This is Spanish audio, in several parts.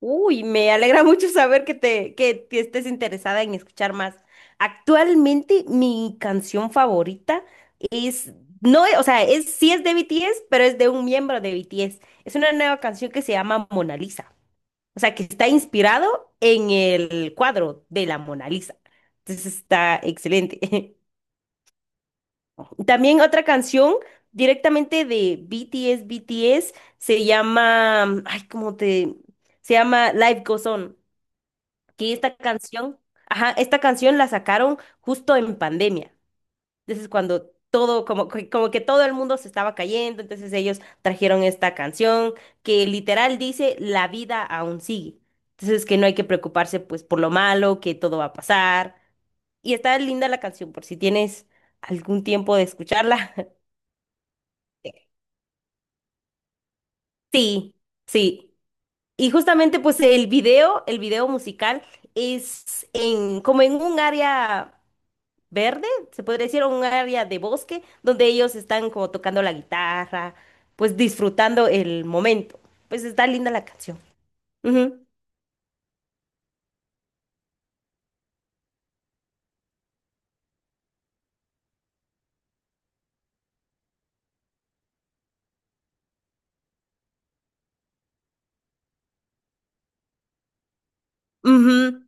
Uy, me alegra mucho saber que te estés interesada en escuchar más. Actualmente mi canción favorita es, no, es, sí es de BTS, pero es de un miembro de BTS. Es una nueva canción que se llama Mona Lisa. O sea, que está inspirado en el cuadro de la Mona Lisa. Entonces está excelente. También otra canción directamente de BTS, se llama, ay, ¿cómo te...? Se llama Life Goes On, que esta canción, ajá, esta canción la sacaron justo en pandemia. Entonces, cuando todo, como, como que todo el mundo se estaba cayendo, entonces ellos trajeron esta canción que literal dice, la vida aún sigue. Entonces, que no hay que preocuparse pues por lo malo, que todo va a pasar. Y está linda la canción, por si tienes algún tiempo de escucharla. Sí, sí. Y justamente pues el video musical es en como en un área verde, se podría decir, o un área de bosque donde ellos están como tocando la guitarra, pues disfrutando el momento. Pues está linda la canción. Ujú, ujú.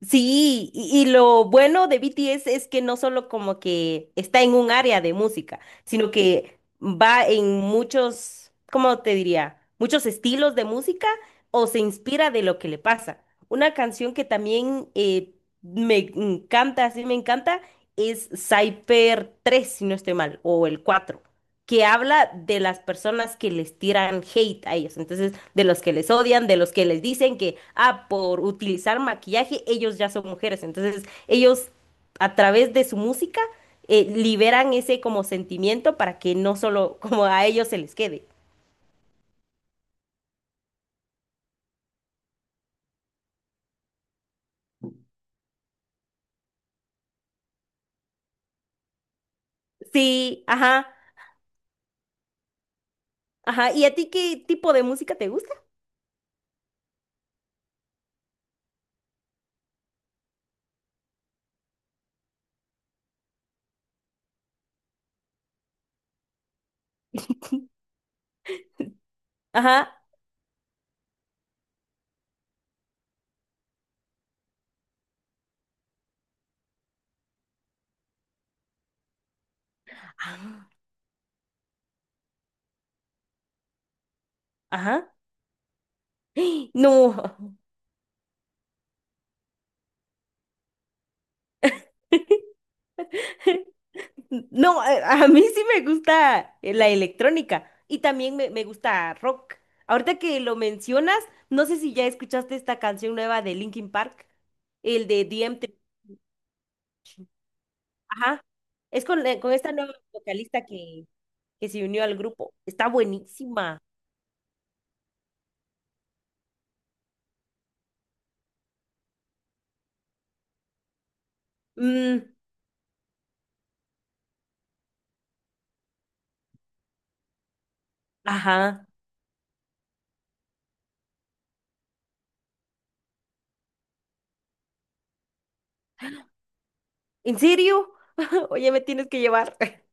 Sí, y lo bueno de BTS es que no solo como que está en un área de música, sino que va en muchos, ¿cómo te diría? Muchos estilos de música o se inspira de lo que le pasa. Una canción que también me encanta, sí me encanta, es Cyper tres si no estoy mal, o el cuatro, que habla de las personas que les tiran hate a ellos, entonces de los que les odian, de los que les dicen que, ah, por utilizar maquillaje, ellos ya son mujeres, entonces ellos a través de su música liberan ese como sentimiento para que no solo como a ellos se les quede. Sí, ajá, ajá, ¿y a ti qué tipo de música te gusta? Ajá, ajá, no. No, a mí sí me gusta la electrónica y también me gusta rock. Ahorita que lo mencionas, no sé si ya escuchaste esta canción nueva de Linkin Park, el de DMT. Ajá. Es con esta nueva vocalista que se unió al grupo. Está buenísima. Mm, ajá. ¿En serio? Oye, me tienes que llevar.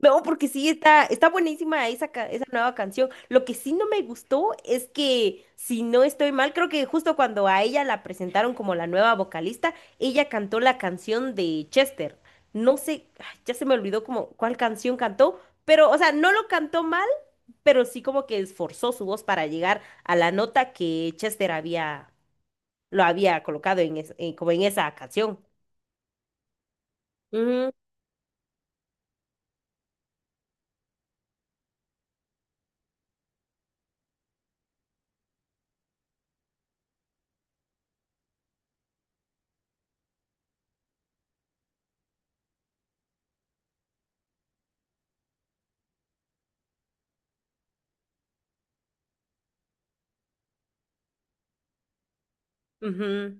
No, porque sí, está, está buenísima esa, esa nueva canción. Lo que sí no me gustó es que, si no estoy mal, creo que justo cuando a ella la presentaron como la nueva vocalista, ella cantó la canción de Chester. No sé, ay, ya se me olvidó como cuál canción cantó, pero, o sea, no lo cantó mal, pero sí como que esforzó su voz para llegar a la nota que Chester había, lo había colocado en, como en esa canción. Ujú, ujú.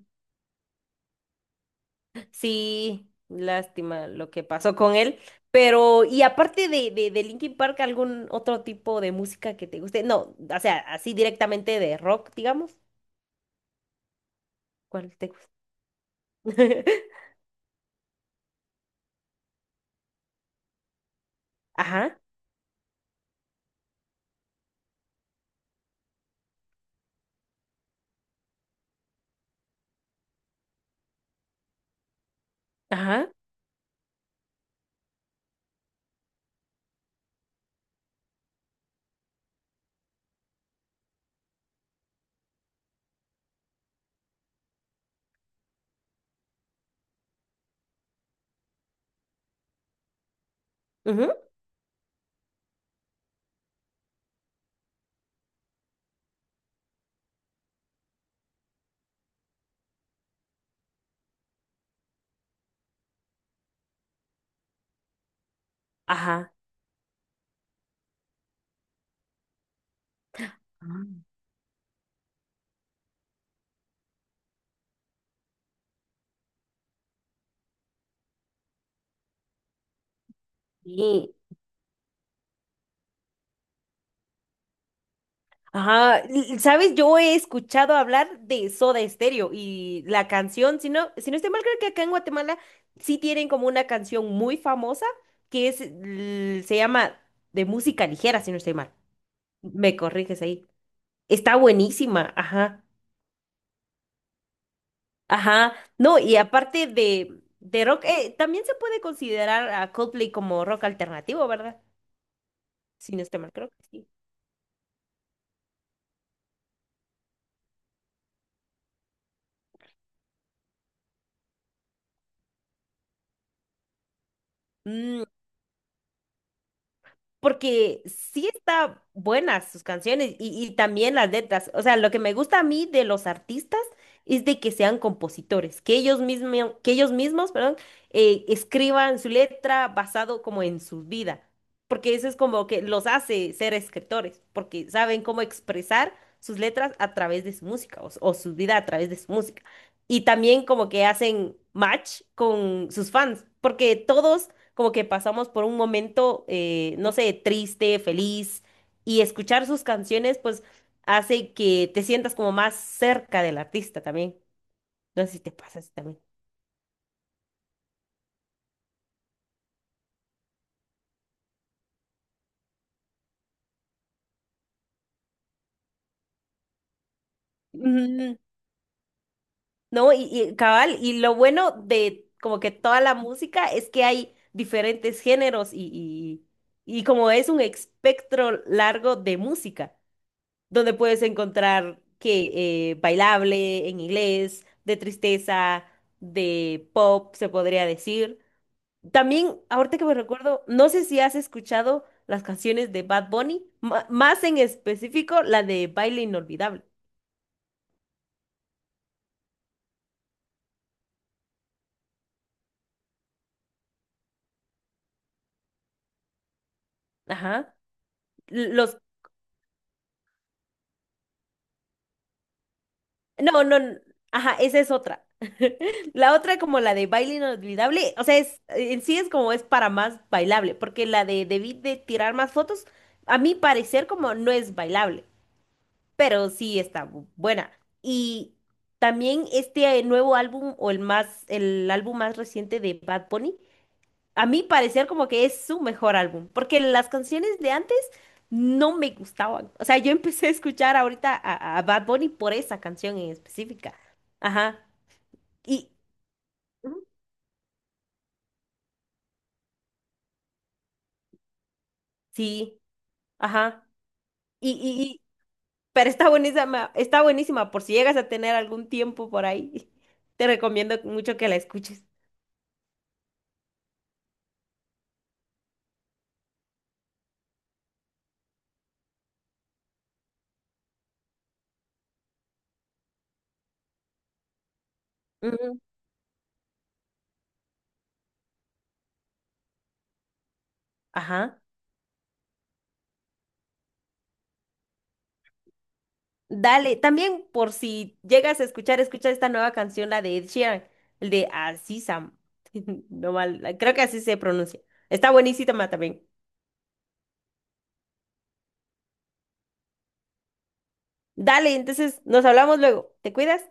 Sí, lástima lo que pasó con él. Pero, y aparte de Linkin Park, ¿algún otro tipo de música que te guste? No, o sea, así directamente de rock, digamos. ¿Cuál te gusta? Ajá, ajá, ujú, ajá. Ah, sí, ajá. ¿Sabes? Yo he escuchado hablar de Soda Stereo y la canción, si no, si no estoy mal, creo que acá en Guatemala sí tienen como una canción muy famosa que es, se llama de música ligera, si no estoy mal. Me corriges ahí. Está buenísima, ajá, ajá. No, y aparte de rock, también se puede considerar a Coldplay como rock alternativo, ¿verdad? Si no estoy mal, creo que sí. Mm, porque sí está buenas sus canciones y también las letras. O sea, lo que me gusta a mí de los artistas es de que sean compositores, que ellos mismos, perdón, escriban su letra basado como en su vida, porque eso es como que los hace ser escritores, porque saben cómo expresar sus letras a través de su música o su vida a través de su música. Y también como que hacen match con sus fans, porque todos como que pasamos por un momento, no sé, triste, feliz, y escuchar sus canciones, pues hace que te sientas como más cerca del artista también. No sé si te pasa eso también. Ujú. No, y cabal, y lo bueno de como que toda la música es que hay diferentes géneros y como es un espectro largo de música, donde puedes encontrar que bailable en inglés, de tristeza, de pop, se podría decir. También, ahorita que me recuerdo, no sé si has escuchado las canciones de Bad Bunny, más en específico la de Baile Inolvidable. Ajá. L- Los, no, no, ajá, esa es otra. La otra como la de Baile Inolvidable, o sea, es, en sí es como es para más bailable, porque la de Debí de tirar más fotos, a mi parecer como no es bailable, pero sí está buena. Y también este nuevo álbum o el más, el álbum más reciente de Bad Bunny, a mí parecer como que es su mejor álbum, porque las canciones de antes no me gustaban. O sea, yo empecé a escuchar ahorita a Bad Bunny por esa canción en específica. Ajá. Y ujú. Sí, ajá. Y, y, y- pero está buenísima por si llegas a tener algún tiempo por ahí. Te recomiendo mucho que la escuches. Ujú. Ajá. Dale, también por si llegas a escuchar, escucha esta nueva canción, la de Ed Sheeran, el de Así Sam. No mal, creo que así se pronuncia. Está buenísima también. Dale, entonces nos hablamos luego. ¿Te cuidas?